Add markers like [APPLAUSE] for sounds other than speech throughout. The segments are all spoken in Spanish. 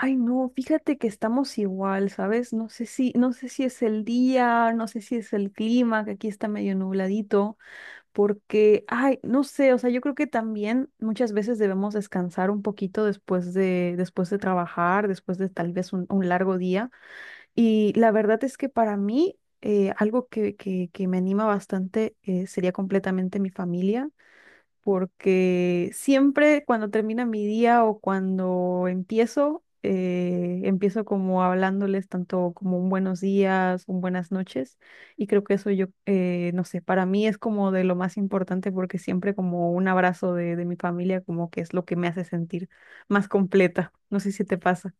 Ay, no, fíjate que estamos igual, ¿sabes? No sé si, no sé si es el día, no sé si es el clima, que aquí está medio nubladito, porque, ay, no sé, o sea, yo creo que también muchas veces debemos descansar un poquito después de trabajar, después de tal vez un largo día. Y la verdad es que para mí, algo que me anima bastante, sería completamente mi familia, porque siempre cuando termina mi día o cuando empiezo, empiezo como hablándoles tanto como un buenos días, un buenas noches, y creo que eso yo, no sé, para mí es como de lo más importante, porque siempre como un abrazo de mi familia como que es lo que me hace sentir más completa, no sé si te pasa.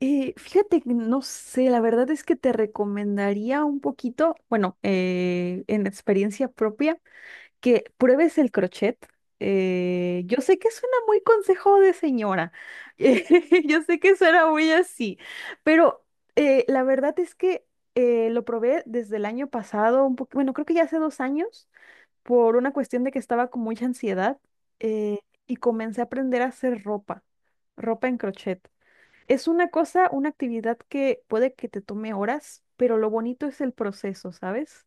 Fíjate, que no sé, la verdad es que te recomendaría un poquito, bueno, en experiencia propia, que pruebes el crochet. Yo sé que suena muy consejo de señora, [LAUGHS] eh, yo sé que suena muy así, pero la verdad es que lo probé desde el año pasado, un poco, bueno, creo que ya hace dos años, por una cuestión de que estaba con mucha ansiedad eh, y comencé a aprender a hacer ropa, ropa en crochet. Es una cosa, una actividad que puede que te tome horas, pero lo bonito es el proceso, ¿sabes?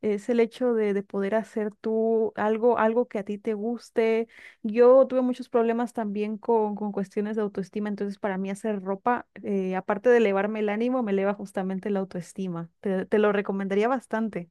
Es el hecho de poder hacer tú algo, algo que a ti te guste. Yo tuve muchos problemas también con cuestiones de autoestima, entonces para mí hacer ropa, aparte de elevarme el ánimo, me eleva justamente la autoestima. Te lo recomendaría bastante.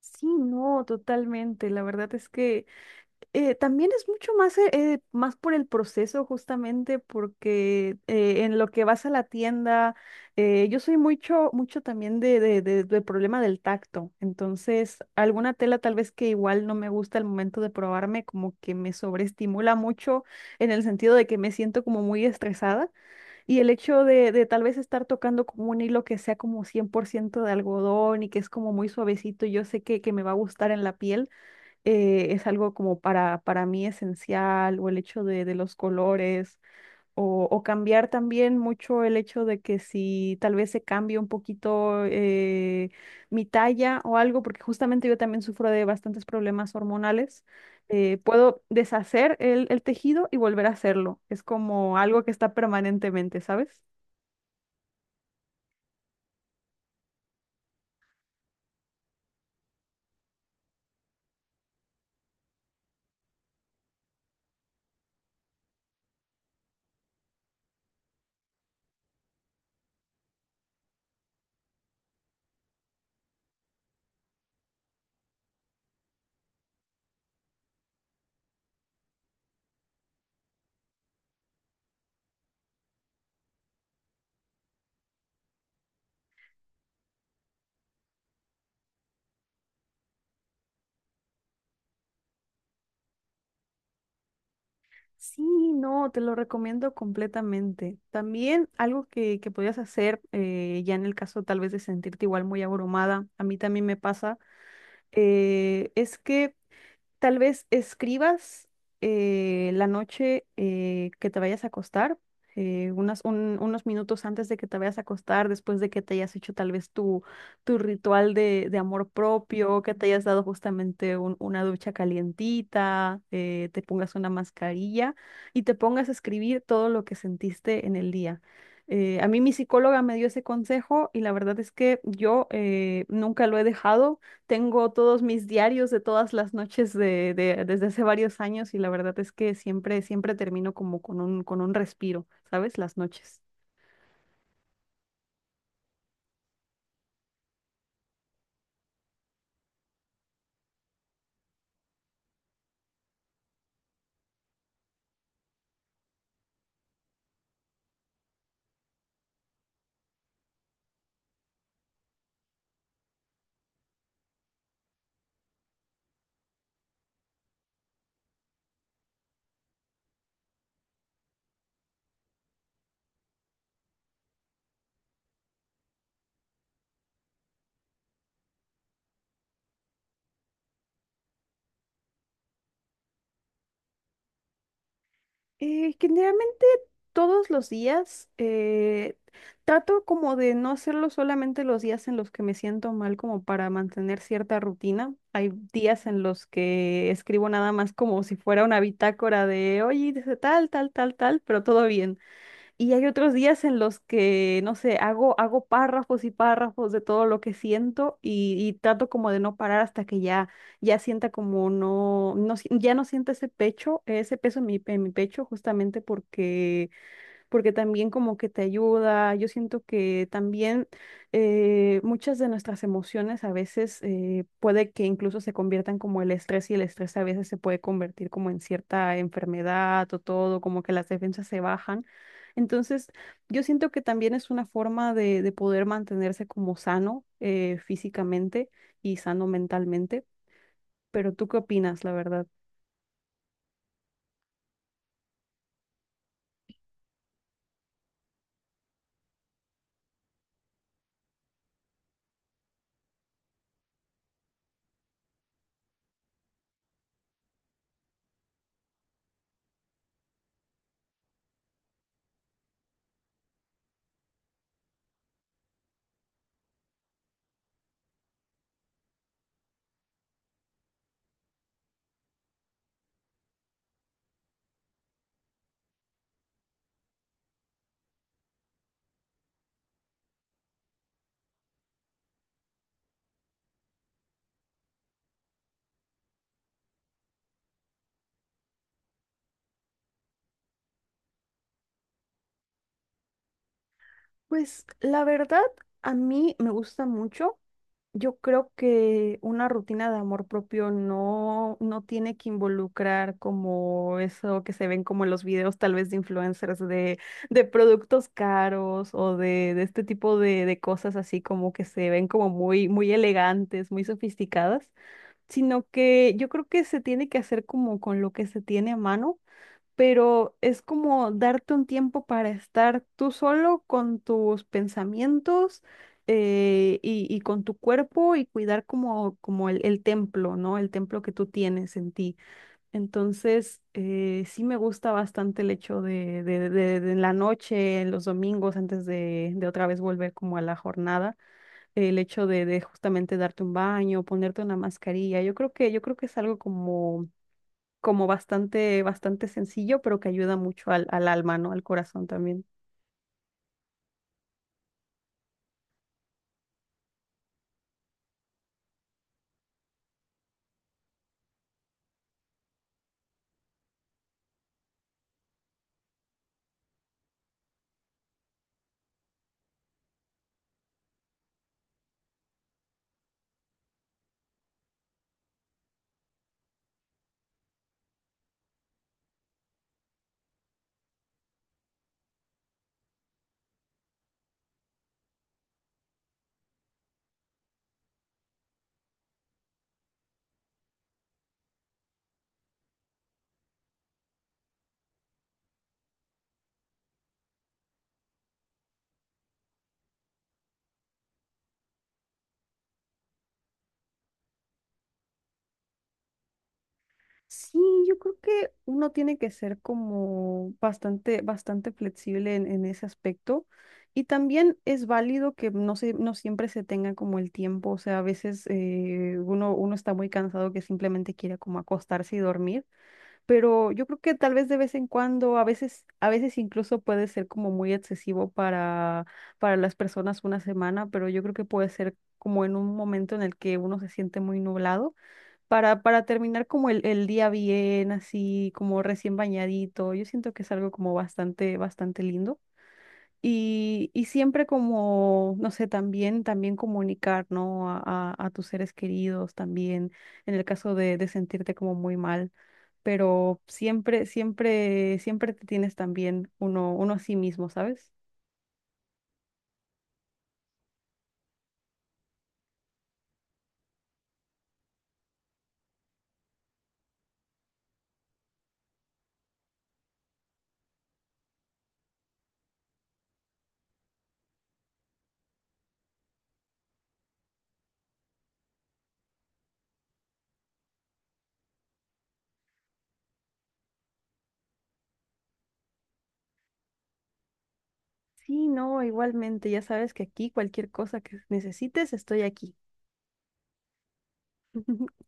Sí, no, totalmente. La verdad es que también es mucho más, más por el proceso, justamente porque en lo que vas a la tienda, yo soy mucho, mucho también del problema del tacto, entonces alguna tela tal vez que igual no me gusta al momento de probarme, como que me sobreestimula mucho en el sentido de que me siento como muy estresada, y el hecho de tal vez estar tocando como un hilo que sea como 100% de algodón y que es como muy suavecito, yo sé que me va a gustar en la piel, es algo como para mí esencial, o el hecho de los colores, o cambiar también mucho el hecho de que si tal vez se cambie un poquito, mi talla o algo, porque justamente yo también sufro de bastantes problemas hormonales, puedo deshacer el tejido y volver a hacerlo. Es como algo que está permanentemente, ¿sabes? Sí, no, te lo recomiendo completamente. También algo que podías hacer, ya en el caso tal vez de sentirte igual muy abrumada, a mí también me pasa, es que tal vez escribas la noche, que te vayas a acostar, unos minutos antes de que te vayas a acostar, después de que te hayas hecho tal vez tu, tu ritual de amor propio, que te hayas dado justamente una ducha calientita, te pongas una mascarilla y te pongas a escribir todo lo que sentiste en el día. A mí mi psicóloga me dio ese consejo y la verdad es que yo, nunca lo he dejado. Tengo todos mis diarios de todas las noches desde hace varios años, y la verdad es que siempre, siempre termino como con un respiro, ¿sabes? Las noches. Generalmente todos los días, trato como de no hacerlo solamente los días en los que me siento mal, como para mantener cierta rutina. Hay días en los que escribo nada más como si fuera una bitácora de, oye, hice tal, tal, tal, tal, pero todo bien. Y hay otros días en los que, no sé, hago párrafos y párrafos de todo lo que siento, y trato como de no parar hasta que ya, ya sienta como no, no, ya no sienta ese pecho, ese peso en mi pecho, justamente porque porque también como que te ayuda. Yo siento que también, muchas de nuestras emociones a veces, puede que incluso se conviertan como el estrés, y el estrés a veces se puede convertir como en cierta enfermedad o todo, como que las defensas se bajan. Entonces, yo siento que también es una forma de poder mantenerse como sano, físicamente y sano mentalmente. Pero ¿tú qué opinas, la verdad? Pues la verdad, a mí me gusta mucho. Yo creo que una rutina de amor propio no tiene que involucrar como eso que se ven como en los videos tal vez de influencers de productos caros o de este tipo de cosas así, como que se ven como muy, muy elegantes, muy sofisticadas, sino que yo creo que se tiene que hacer como con lo que se tiene a mano, pero es como darte un tiempo para estar tú solo con tus pensamientos, y con tu cuerpo, y cuidar como, como el templo, ¿no? El templo que tú tienes en ti. Entonces, sí me gusta bastante el hecho de en la noche, en los domingos, antes de otra vez volver como a la jornada, el hecho de justamente darte un baño, ponerte una mascarilla. Yo creo que es algo como como bastante, bastante sencillo, pero que ayuda mucho al, al alma, ¿no? Al corazón también. Sí, yo creo que uno tiene que ser como bastante, bastante flexible en ese aspecto. Y también es válido que no se, no siempre se tenga como el tiempo. O sea, a veces, uno, uno está muy cansado, que simplemente quiere como acostarse y dormir. Pero yo creo que tal vez de vez en cuando, a veces incluso puede ser como muy excesivo para las personas una semana, pero yo creo que puede ser como en un momento en el que uno se siente muy nublado, para terminar como el día bien, así como recién bañadito. Yo siento que es algo como bastante, bastante lindo. Y siempre como, no sé, también, también comunicar, ¿no? A tus seres queridos también, en el caso de sentirte como muy mal. Pero siempre, siempre, siempre te tienes también uno, uno a sí mismo, ¿sabes? Sí, no, igualmente, ya sabes que aquí cualquier cosa que necesites, estoy aquí. [LAUGHS]